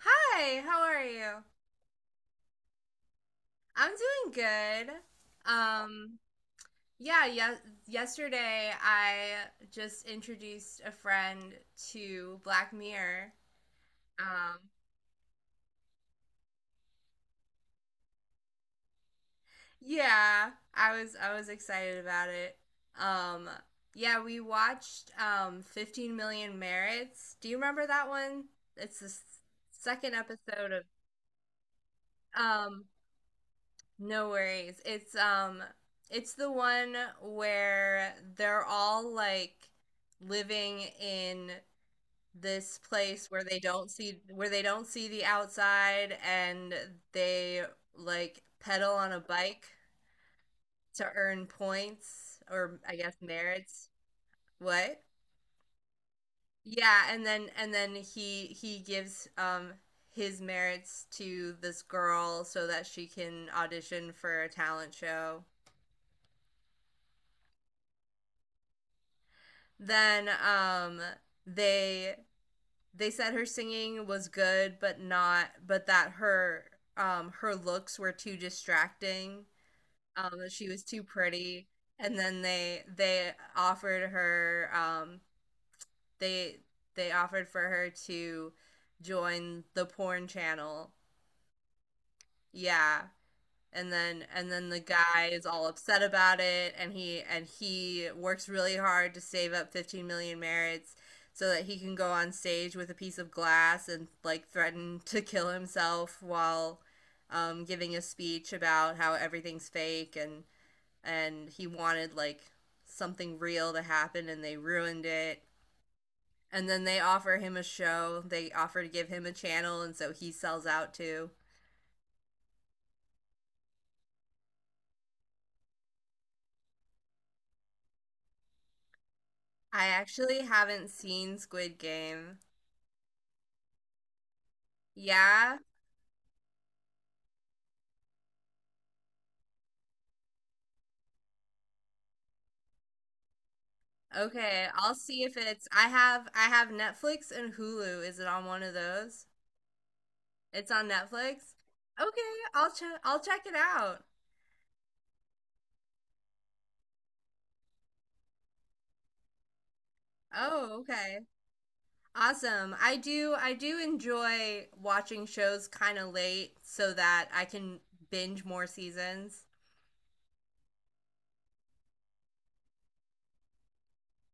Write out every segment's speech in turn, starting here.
Hi, how are you? I'm doing good. Um, yeah, yes, yesterday I just introduced a friend to Black Mirror. Um, yeah, I was excited about it. Um, yeah, we watched 15 Million Merits. Do you remember that one? It's the s- Second episode of um no worries. It's the one where they're all like living in this place where they don't see where they don't see the outside, and they like pedal on a bike to earn points, or I guess merits. What? Yeah, and then he gives his merits to this girl so that she can audition for a talent show. Then they they said her singing was good, but not but that her her looks were too distracting, that she was too pretty. And then they offered her, they they offered for her to join the porn channel. Yeah. And then the guy is all upset about it, and he works really hard to save up 15 million merits so that he can go on stage with a piece of glass and like threaten to kill himself while, giving a speech about how everything's fake, and he wanted like something real to happen and they ruined it. And then they offer him a show, they offer to give him a channel, and so he sells out too. I actually haven't seen Squid Game. Yeah. Okay. I'll see if it's I have Netflix and Hulu. Is it on one of those? It's on Netflix? Okay, I'll check it out. Oh, okay. Awesome. I do enjoy watching shows kind of late so that I can binge more seasons.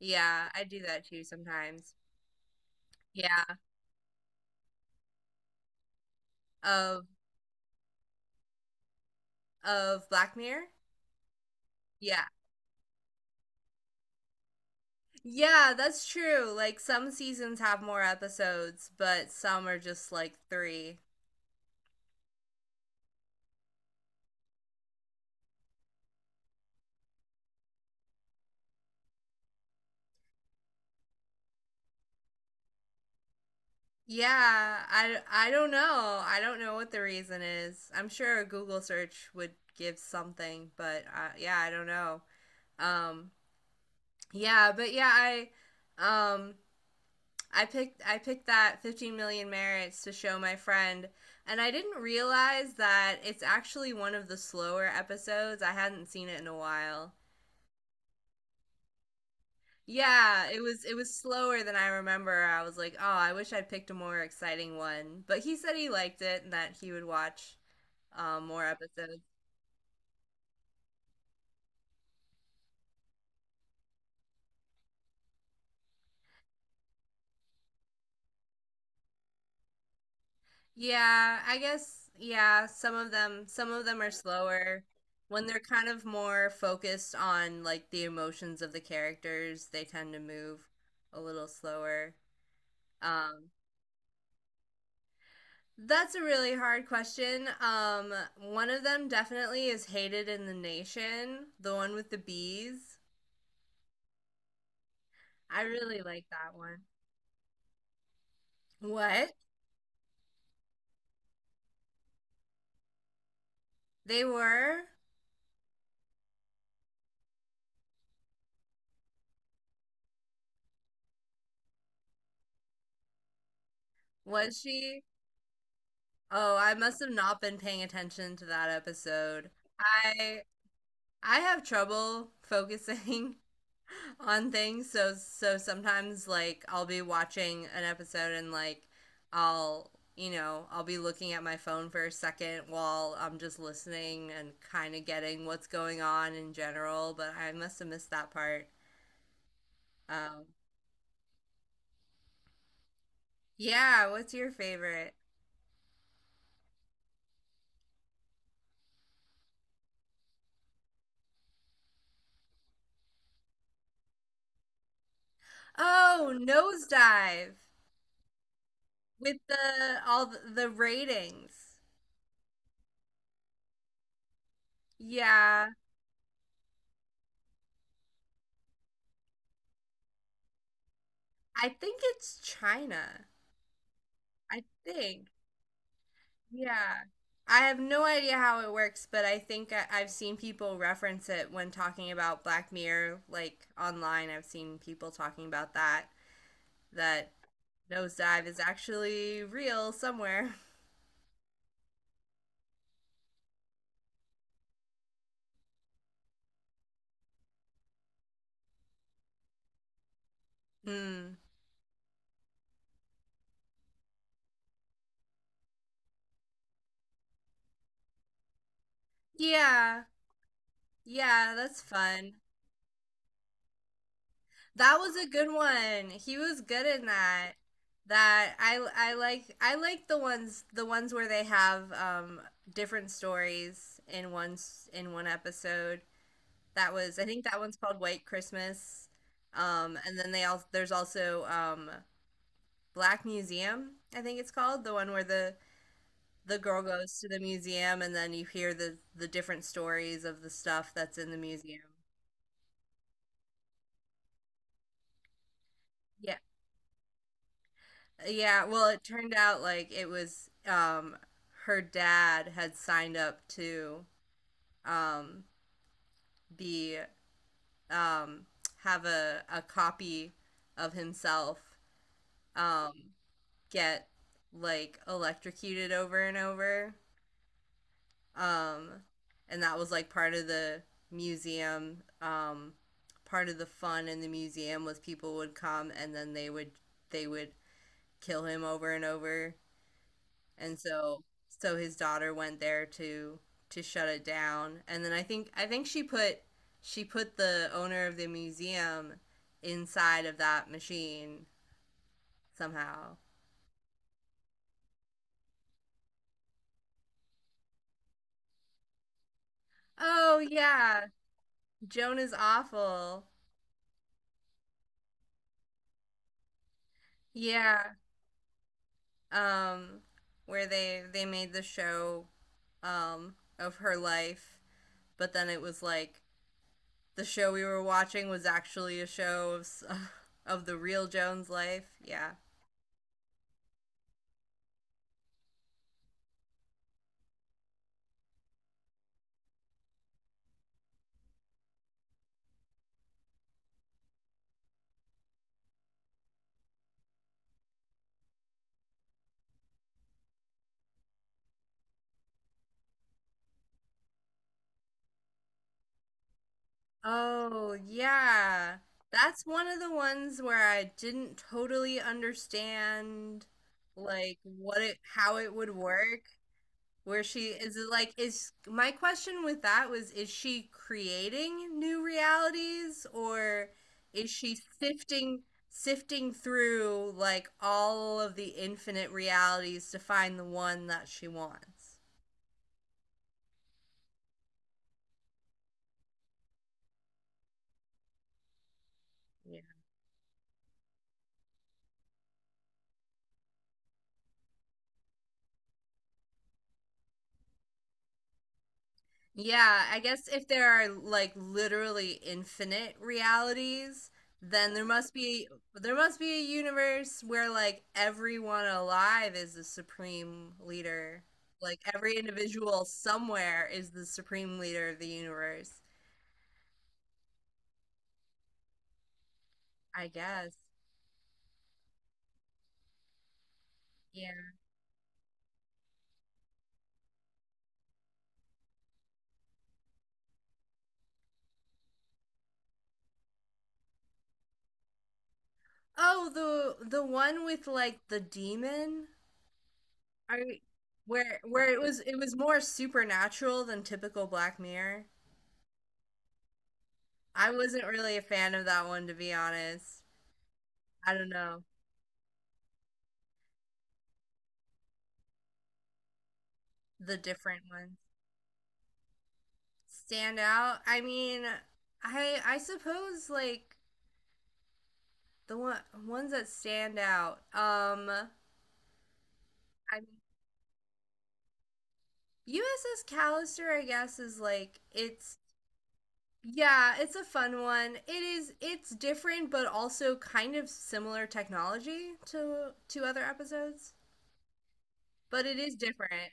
Yeah, I do that too sometimes. Yeah. Of of Black Mirror? Yeah. Yeah, that's true. Like some seasons have more episodes, but some are just like 3. Yeah, I don't know. I don't know what the reason is. I'm sure a Google search would give something, but yeah, I don't know. Um yeah, but yeah, um I picked that 15 million merits to show my friend, and I didn't realize that it's actually one of the slower episodes. I hadn't seen it in a while. Yeah, it was slower than I remember. I was like, "Oh, I wish I'd picked a more exciting one." But he said he liked it and that he would watch, more episodes. Yeah, I guess yeah, some of them are slower. When they're kind of more focused on like the emotions of the characters, they tend to move a little slower. Um, that's a really hard question. One of them definitely is Hated in the Nation, the one with the bees. I really like that one. What? They were? Was she? Oh, I must have not been paying attention to that episode. I I have trouble focusing on things, so sometimes like I'll be watching an episode, and like I'll, you know, I'll be looking at my phone for a second while I'm just listening and kind of getting what's going on in general, but I must have missed that part. Um, yeah, what's your favorite? Oh, Nosedive, with the all the ratings. Yeah, I think it's China. I think. Yeah. I have no idea how it works, but I, think I've seen people reference it when talking about Black Mirror, like online. I've seen people talking about that, that Nosedive is actually real somewhere. Hmm. Yeah. Yeah, that's fun. That was a good one. He was good in that. I like the ones where they have different stories in in one episode. That was, I think that one's called White Christmas. And then they all there's also, Black Museum, I think it's called, the one where the girl goes to the museum and then you hear the different stories of the stuff that's in the museum. Yeah. Yeah, well, it turned out like it was her dad had signed up to, um be, um have a copy of himself, um get like electrocuted over and over. Um and that was like part of the museum. Part of the fun in the museum was people would come and then they would kill him over and over, and so his daughter went there to, shut it down. And then I think she put the owner of the museum inside of that machine somehow. Oh yeah, Joan Is Awful. Yeah, um where they made the show of her life, but then it was like the show we were watching was actually a show of of the real Joan's life. Yeah. Oh, yeah. That's one of the ones where I didn't totally understand like what it how it would work. Where she, is it like is my question with that was, is she creating new realities, or is she sifting through like all of the infinite realities to find the one that she wants? Yeah, I guess if there are like literally infinite realities, then there must be a universe where like everyone alive is the supreme leader. Like every individual somewhere is the supreme leader of the universe, I guess. Yeah. Oh, the one with like the demon? Are you- where it was, it was more supernatural than typical Black Mirror. I wasn't really a fan of that one, to be honest. I don't know, the different ones stand out. I mean, I suppose like the one, ones that stand out. I mean, USS Callister, I guess, is like it's yeah, it's a fun one. It is, it's different, but also kind of similar technology to, other episodes, but it is different.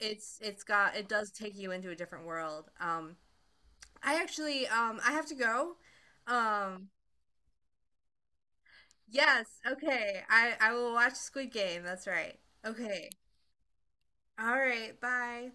It's got, it does take you into a different world. I actually I have to go. Um, Yes, okay. I will watch Squid Game. That's right. Okay. All right. Bye.